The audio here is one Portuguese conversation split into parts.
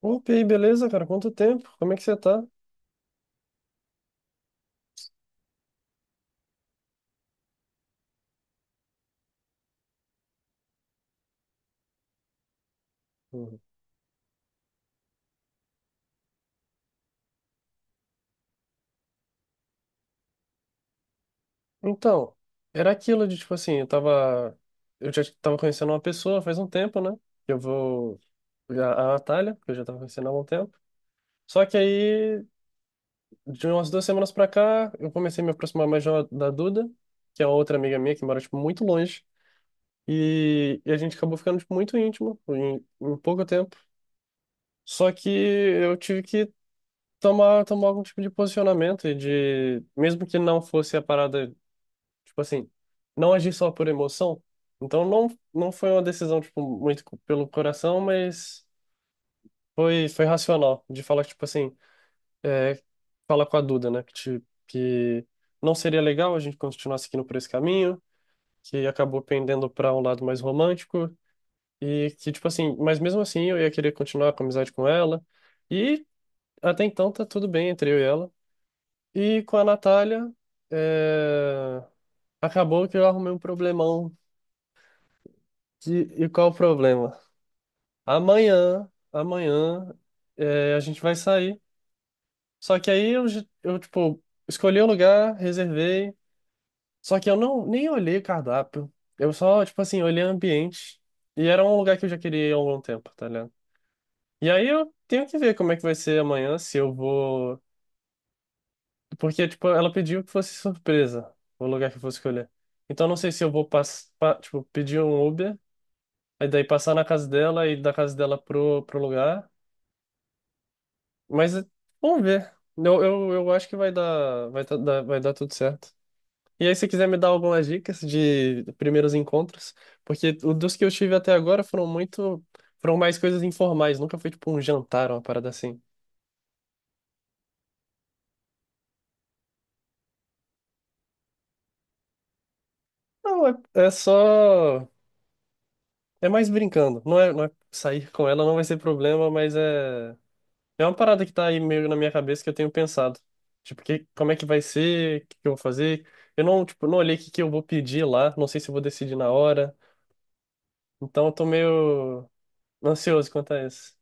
Opa, e aí, beleza, cara? Quanto tempo? Como é que você tá? Uhum. Então, era aquilo de, tipo assim, eu tava... Eu já tava conhecendo uma pessoa faz um tempo, né? Eu vou... A Natália, que eu já tava conhecendo há algum tempo. Só que aí, de umas duas semanas pra cá, eu comecei a me aproximar mais da Duda, que é outra amiga minha que mora, tipo, muito longe. E a gente acabou ficando, tipo, muito íntimo em pouco tempo. Só que eu tive que tomar algum tipo de posicionamento e de... Mesmo que não fosse a parada. Tipo assim, não agir só por emoção. Então não, não foi uma decisão, tipo, pelo coração, mas foi racional. De falar, tipo assim, é, fala com a Duda, né? Que não seria legal a gente continuar seguindo por esse caminho, que acabou pendendo para um lado mais romântico. E que, tipo assim, mas mesmo assim eu ia querer continuar com a amizade com ela. E até então tá tudo bem entre eu e ela. E com a Natália, é, acabou que eu arrumei um problemão. De- E qual o problema? Amanhã, é, a gente vai sair. Só que aí eu, tipo, escolhi o lugar, reservei. Só que eu não nem olhei o cardápio. Eu só, tipo assim, olhei o ambiente. E era um lugar que eu já queria ir há algum tempo, tá ligado? E aí eu tenho que ver como é que vai ser amanhã, se eu vou. Porque, tipo, ela pediu que fosse surpresa o lugar que eu vou escolher. Então eu não sei se eu vou tipo, pedir um Uber, aí daí passar na casa dela e da casa dela pro lugar. Mas vamos ver. Eu acho que vai dar, vai tá- dar, vai dar tudo certo. E aí, se quiser me dar algumas dicas de primeiros encontros, porque o dos que eu tive até agora foram mais coisas informais, nunca foi tipo um jantar, uma parada assim. Não, é só, é mais brincando. Não é sair com ela, não vai ser problema, mas é, é uma parada que tá aí meio na minha cabeça que eu tenho pensado. Tipo, que, como é que vai ser, o que que eu vou fazer. Eu não, tipo, não olhei o que que eu vou pedir lá, não sei se eu vou decidir na hora. Então eu tô meio ansioso quanto a isso.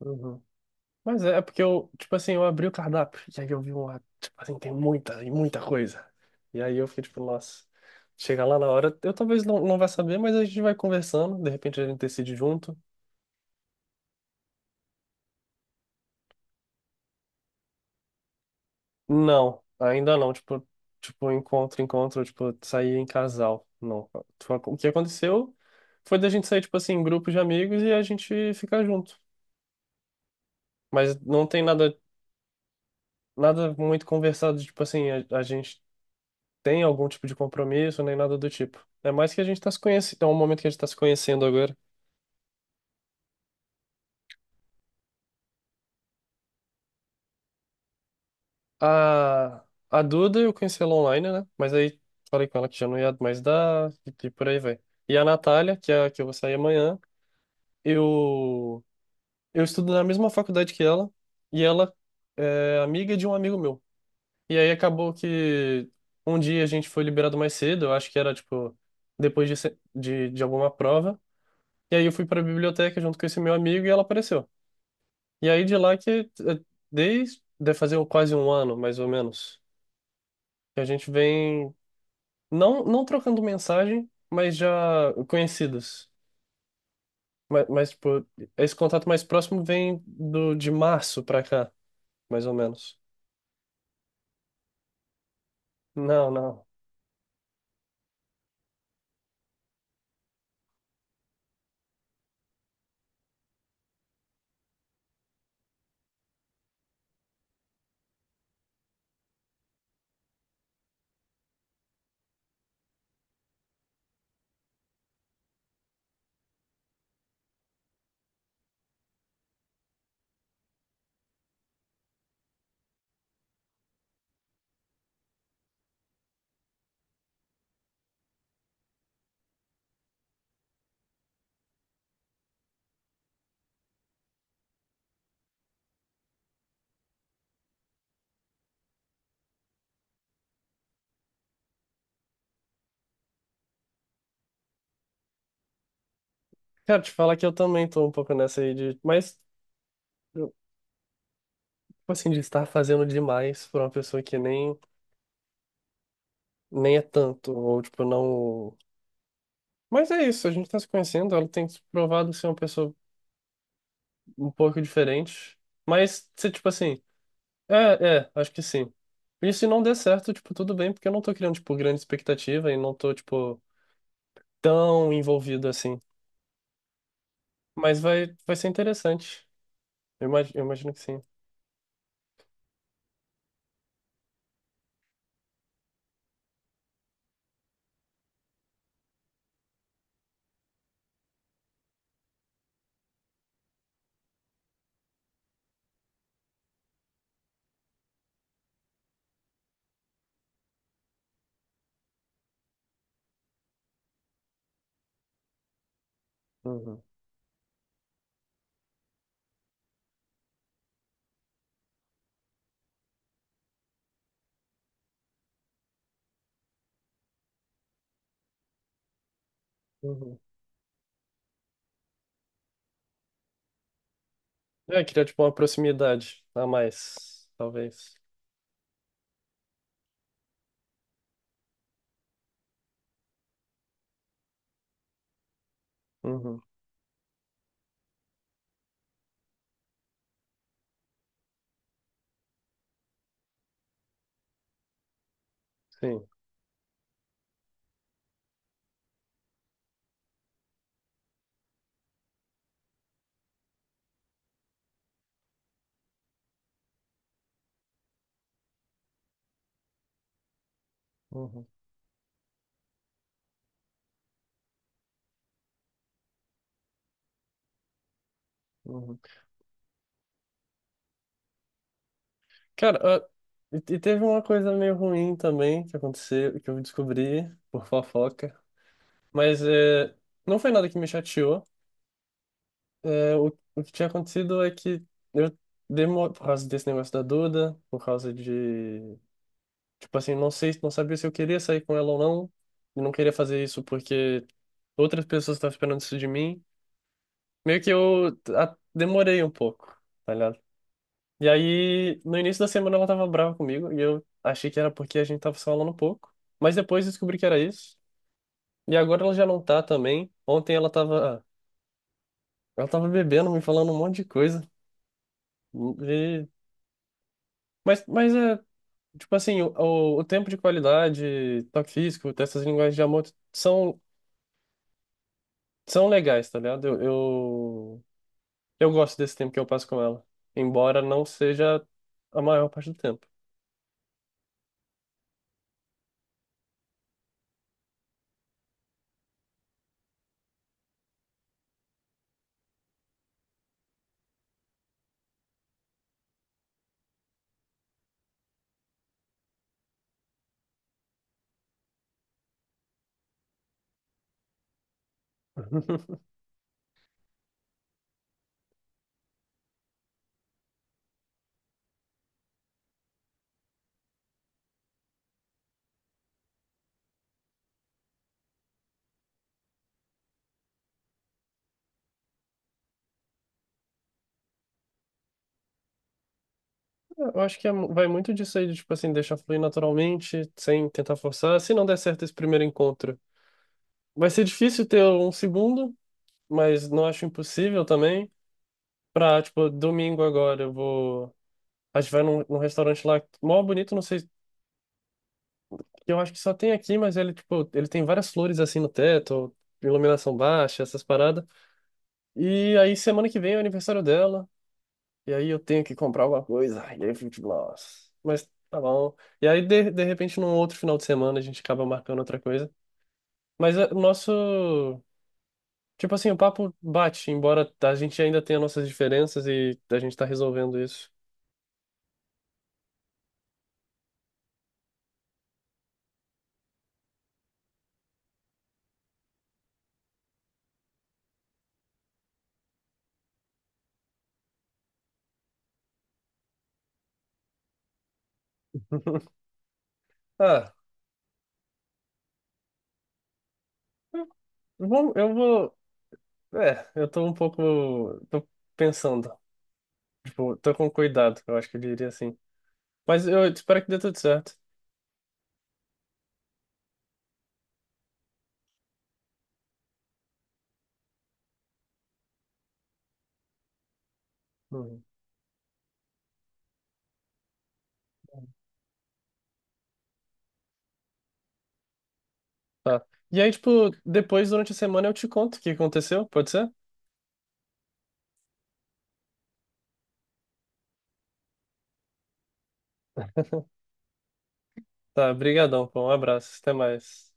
Uhum. Mas é porque eu, tipo assim, eu abri o cardápio e aí eu vi uma, tipo assim, tem muita e muita coisa. E aí eu fiquei tipo, nossa, chega lá na hora, eu talvez não vá saber, mas a gente vai conversando, de repente a gente decide junto. Não, ainda não, tipo, tipo encontro, encontro, tipo, sair em casal. Não. Tipo, o que aconteceu foi da gente sair, tipo assim, em grupo de amigos e a gente ficar junto. Mas não tem nada, nada muito conversado, tipo assim, a gente tem algum tipo de compromisso, nem nada do tipo. É mais que a gente tá se conhecendo, é um momento que a gente tá se conhecendo agora. A, a Duda eu conheci ela online, né? Mas aí falei com ela que já não ia mais dar, e por aí vai. E a Natália, que é a que eu vou sair amanhã, eu, eu estudo na mesma faculdade que ela, e ela é amiga de um amigo meu. E aí acabou que um dia a gente foi liberado mais cedo, eu acho que era tipo depois de, se- de alguma prova. E aí eu fui pra biblioteca junto com esse meu amigo e ela apareceu. E aí de lá que desde de fazer quase um ano, mais ou menos, que a gente vem não trocando mensagem, mas já conhecidos. Mas tipo, esse contato mais próximo vem do de março pra cá, mais ou menos. Não, não. Cara, te falar que eu também tô um pouco nessa aí de, mas tipo assim, de estar fazendo demais pra uma pessoa que nem é tanto ou tipo não. Mas é isso, a gente tá se conhecendo, ela tem se provado ser uma pessoa um pouco diferente. Mas se, tipo assim, é, é, acho que sim. E se não der certo, tipo, tudo bem, porque eu não tô criando, tipo, grande expectativa e não tô, tipo, tão envolvido assim. Mas vai ser interessante. Eu imagino que sim. Uhum. Uhum. É, criar, tipo, uma proximidade a mais, talvez. Uhum. Sim. Uhum. Uhum. Cara, e teve uma coisa meio ruim também que aconteceu, que eu descobri por fofoca. Mas é, não foi nada que me chateou. É, o que tinha acontecido é que eu demorei, por causa desse negócio da Duda, por causa de, tipo assim, não sei, não sabia se eu queria sair com ela ou não, e não queria fazer isso porque outras pessoas estavam esperando isso de mim. Meio que eu demorei um pouco, tá ligado? E aí, no início da semana ela tava brava comigo, e eu achei que era porque a gente tava se falando um pouco, mas depois descobri que era isso. E agora ela já não tá também. Ontem ela tava bebendo, me falando um monte de coisa. Mas é, tipo assim, o tempo de qualidade, toque físico, dessas linguagens de amor são, são legais, tá ligado? Eu gosto desse tempo que eu passo com ela, embora não seja a maior parte do tempo. Eu acho que é vai muito disso aí, de, tipo assim, deixar fluir naturalmente, sem tentar forçar. Se não der certo esse primeiro encontro, vai ser difícil ter um segundo, mas não acho impossível também. Pra, tipo, domingo agora eu vou. A gente vai num restaurante lá, mó bonito, não sei, que eu acho que só tem aqui, mas ele, tipo, ele tem várias flores assim no teto, iluminação baixa, essas paradas. E aí semana que vem é o aniversário dela, e aí eu tenho que comprar alguma coisa. Ai, e aí eu fico, tipo, nossa. Mas tá bom. E aí, de repente, num outro final de semana, a gente acaba marcando outra coisa. Mas é, o nosso. Tipo assim, o papo bate, embora a gente ainda tenha nossas diferenças e a gente tá resolvendo isso. Ah, vamos, eu vou. É, eu tô um pouco. Tô pensando. Tipo, tô com cuidado, eu acho que eu diria assim. Mas eu espero que dê tudo certo. Uhum. Tá. E aí, tipo, depois, durante a semana, eu te conto o que aconteceu, pode ser? Tá, brigadão, pô, um abraço, até mais.